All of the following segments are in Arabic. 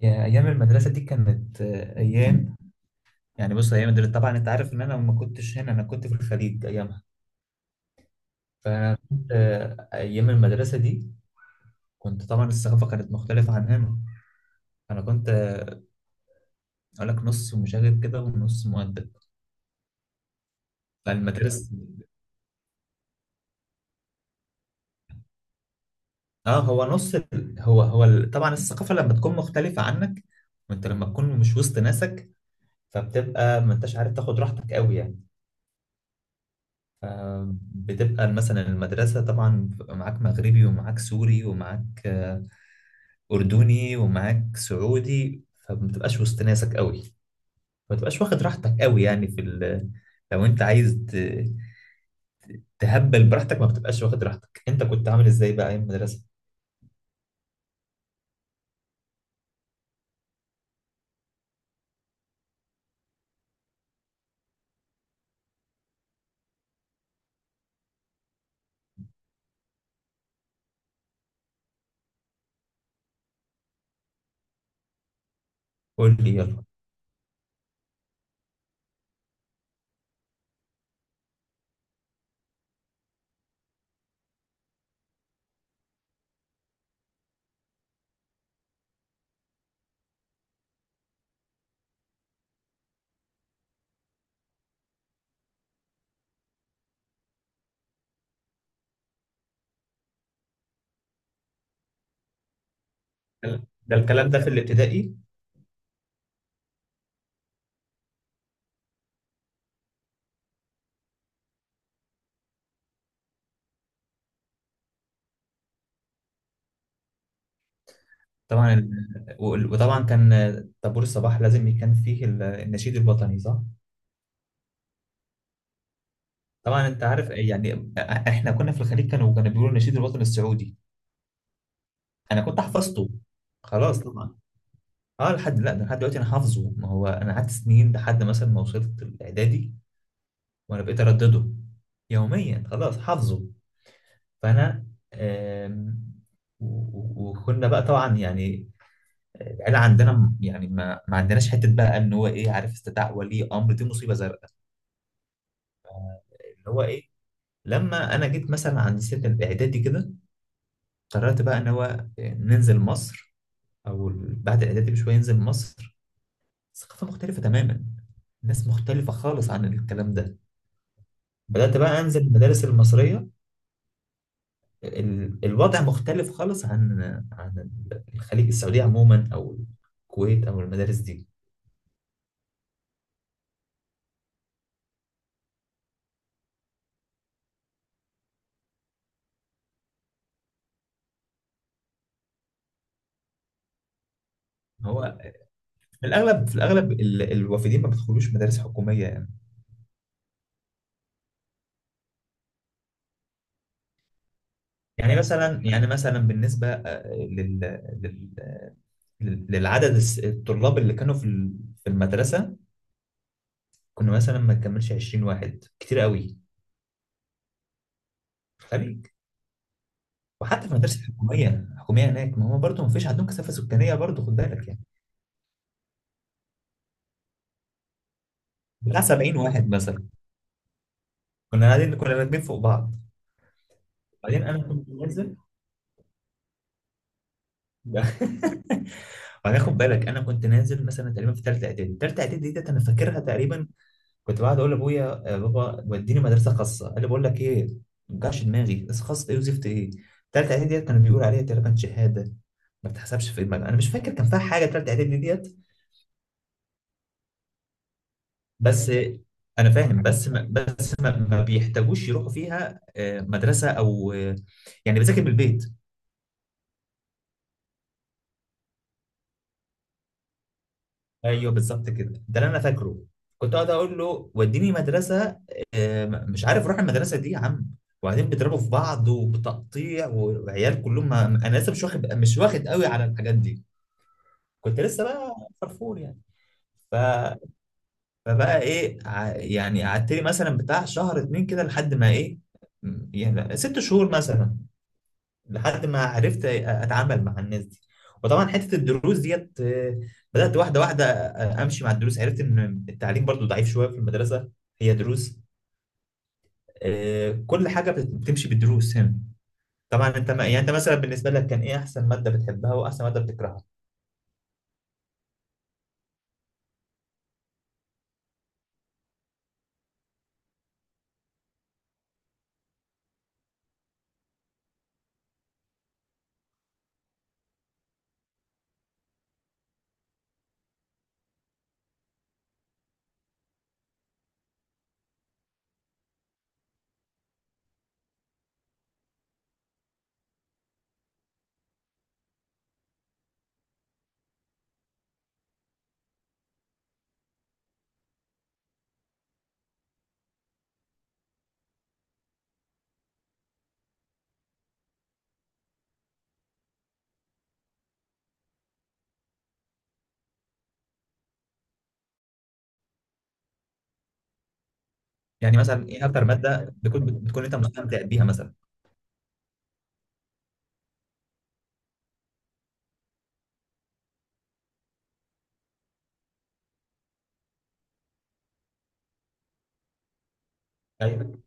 يا ايام المدرسه دي كانت ايام. يعني بص، ايام المدرسه طبعا انت عارف ان انا ما كنتش هنا، انا كنت في الخليج ايامها. فكنت، ايام المدرسه دي كنت طبعا الثقافه كانت مختلفه عن هنا. انا كنت اقول لك نص مشاغب كده ونص مؤدب. فالمدرسه، اه هو نص ال- هو هو ال- طبعا الثقافه لما تكون مختلفه عنك وانت لما تكون مش وسط ناسك، فبتبقى ما انتش عارف تاخد راحتك قوي يعني. فبتبقى مثلا المدرسه طبعا بيبقى معاك مغربي ومعاك سوري ومعاك أردني ومعاك سعودي، فما تبقاش وسط ناسك قوي، ما تبقاش واخد راحتك قوي يعني في لو أنت عايز تهبل براحتك ما بتبقاش واخد راحتك. أنت كنت عامل إزاي بقى أيام المدرسة؟ قول لي يلا. ده الكلام ده في الابتدائي. طبعا ال- وال- وطبعا كان طابور الصباح لازم كان فيه النشيد الوطني، صح؟ طبعا انت عارف يعني احنا كنا في الخليج، كانوا بيقولوا النشيد الوطني السعودي. انا كنت حفظته، خلاص طبعا. اه، لحد، لا، ده لحد دلوقتي انا حافظه. ما هو انا قعدت سنين لحد مثلا ما وصلت الاعدادي وانا بقيت اردده يوميا، خلاص حافظه. فانا، آم، و- وكنا بقى طبعا يعني العيله عندنا يعني ما عندناش حته بقى ان هو ايه، عارف، استدعاء ولي امر دي مصيبه زرقاء. اللي هو ايه، لما انا جيت مثلا عند سن الاعدادي كده قررت بقى ان هو ننزل مصر، او بعد الاعدادي بشويه ننزل مصر. ثقافه مختلفه تماما، ناس مختلفه خالص عن الكلام ده. بدأت بقى أنزل المدارس المصرية. الوضع مختلف خالص عن، عن الخليج، السعودية عموما أو الكويت أو المدارس دي. هو في الأغلب، الوافدين ما بيدخلوش مدارس حكومية يعني. يعني مثلا بالنسبة لل- الطلاب اللي كانوا في في المدرسة، كنا مثلا ما نكملش 20 واحد كتير قوي في الخليج، وحتى في المدارس الحكومية. الحكومية هناك ما هو برضه ما فيش عندهم كثافة سكانية برضه، خد بالك يعني. بتاع 70 واحد مثلا، كنا راكبين فوق بعض. بعدين انا كنت نازل بعدين خد بالك انا كنت نازل مثلا تقريبا في ثالثه اعدادي ثالثه اعدادي ديت انا فاكرها تقريبا، كنت بقعد اقول لابويا يا بابا وديني مدرسه خاصه. قال لي بقول لك ايه، ما توجعش دماغي، بس خاص ايه وزفت ايه. ثالثه اعدادي ديت كانوا بيقولوا عليها تقريبا شهاده، ما بتحسبش في دماغك. انا مش فاكر كان فيها حاجه ثالثه اعدادي ديت. بس انا فاهم، بس ما بيحتاجوش يروحوا فيها مدرسه او يعني بذاكر من البيت. ايوه بالظبط كده، ده اللي انا فاكره. كنت اقعد اقول له وديني مدرسه، مش عارف اروح المدرسه دي يا عم، وبعدين بيضربوا في بعض وبتقطيع وعيال كلهم، انا لسه مش واخد قوي على الحاجات دي، كنت لسه بقى فرفور يعني. ف... فبقى ايه، يعني قعدت لي مثلا بتاع شهر اتنين كده لحد ما ايه، يعني 6 شهور مثلا، لحد ما عرفت اتعامل مع الناس دي. وطبعا حته الدروس ديت بدات واحده واحده امشي مع الدروس، عرفت ان التعليم برضو ضعيف شويه في المدرسه، هي دروس، كل حاجه بتمشي بالدروس هنا. طبعا انت ما يعني، انت مثلا بالنسبه لك كان ايه احسن ماده بتحبها واحسن ماده بتكرهها؟ يعني مثلا ايه اكتر ماده بتكون انت مستمتع بيها مثلا؟ ايوه،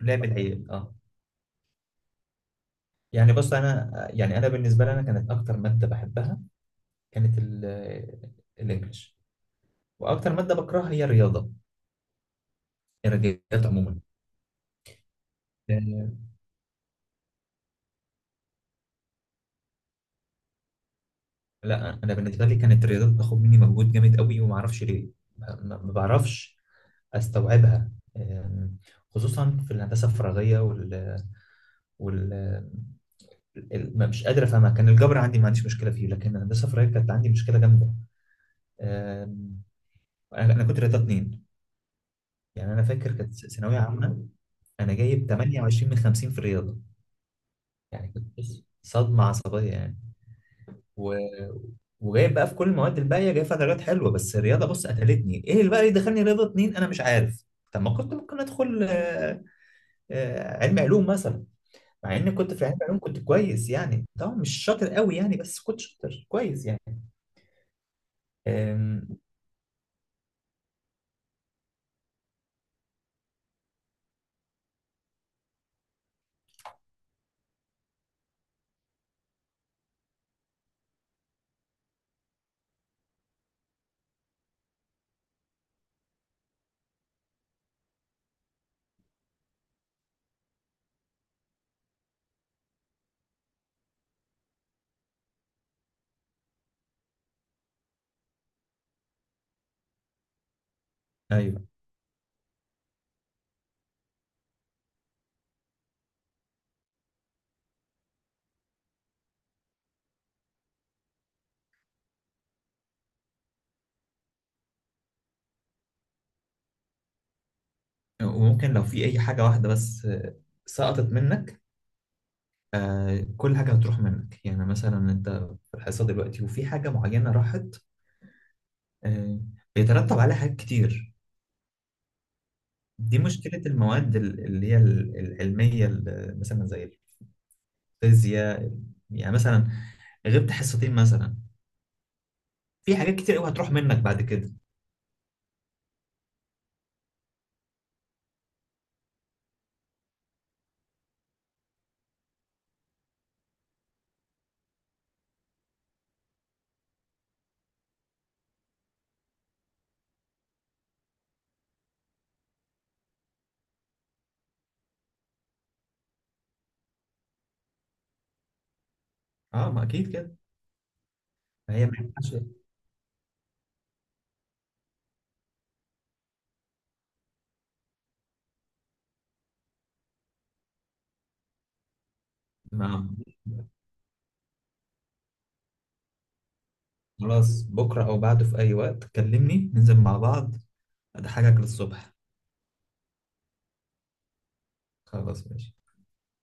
لعب العيال اه. يعني بص، انا يعني انا بالنسبه لي، انا كانت اكتر ماده بحبها كانت الانجليش، واكتر ماده بكرهها هي الرياضه، الرياضيات عموما. آه، لا انا بالنسبه لي كانت الرياضيات بتاخد مني مجهود جامد قوي وما اعرفش ليه، ما بعرفش استوعبها. آم، خصوصا في الهندسه الفراغيه وال... ما مش قادر افهمها. كان الجبر عندي ما عنديش مشكله فيه، لكن الهندسه الفراغيه كانت عندي مشكله جامده. آم، انا أنا كنت رياضه اتنين. يعني انا فاكر كانت ثانويه عامه، انا جايب 28 من 50 في الرياضه. يعني كنت بص، صدمه عصبيه يعني. و... وجايب بقى في كل المواد الباقيه جايب فيها درجات حلوه، بس الرياضه بص قتلتني. ايه اللي بقى اللي دخلني رياضه اتنين انا مش عارف. طب ما كنت ممكن ادخل علم علوم مثلا، مع اني كنت في علم علوم كنت كويس، يعني طبعا مش شاطر قوي يعني، بس كنت شاطر كويس يعني. آم، ايوه. وممكن لو في اي حاجه واحده بس سقطت منك، كل حاجه هتروح منك، يعني مثلا انت في الحصه دلوقتي وفي حاجه معينه راحت، آه، بيترتب عليها حاجات كتير. دي مشكلة المواد اللي هي العلمية، مثلا زي الفيزياء. يعني مثلا غبت حصتين مثلا، في حاجات كتير قوي هتروح منك بعد كده. اه، ما اكيد كده. هي ما ينفعش. ما- خلاص، بكرة او بعده في اي وقت كلمني ننزل مع بعض، اضحكك للصبح. خلاص ماشي.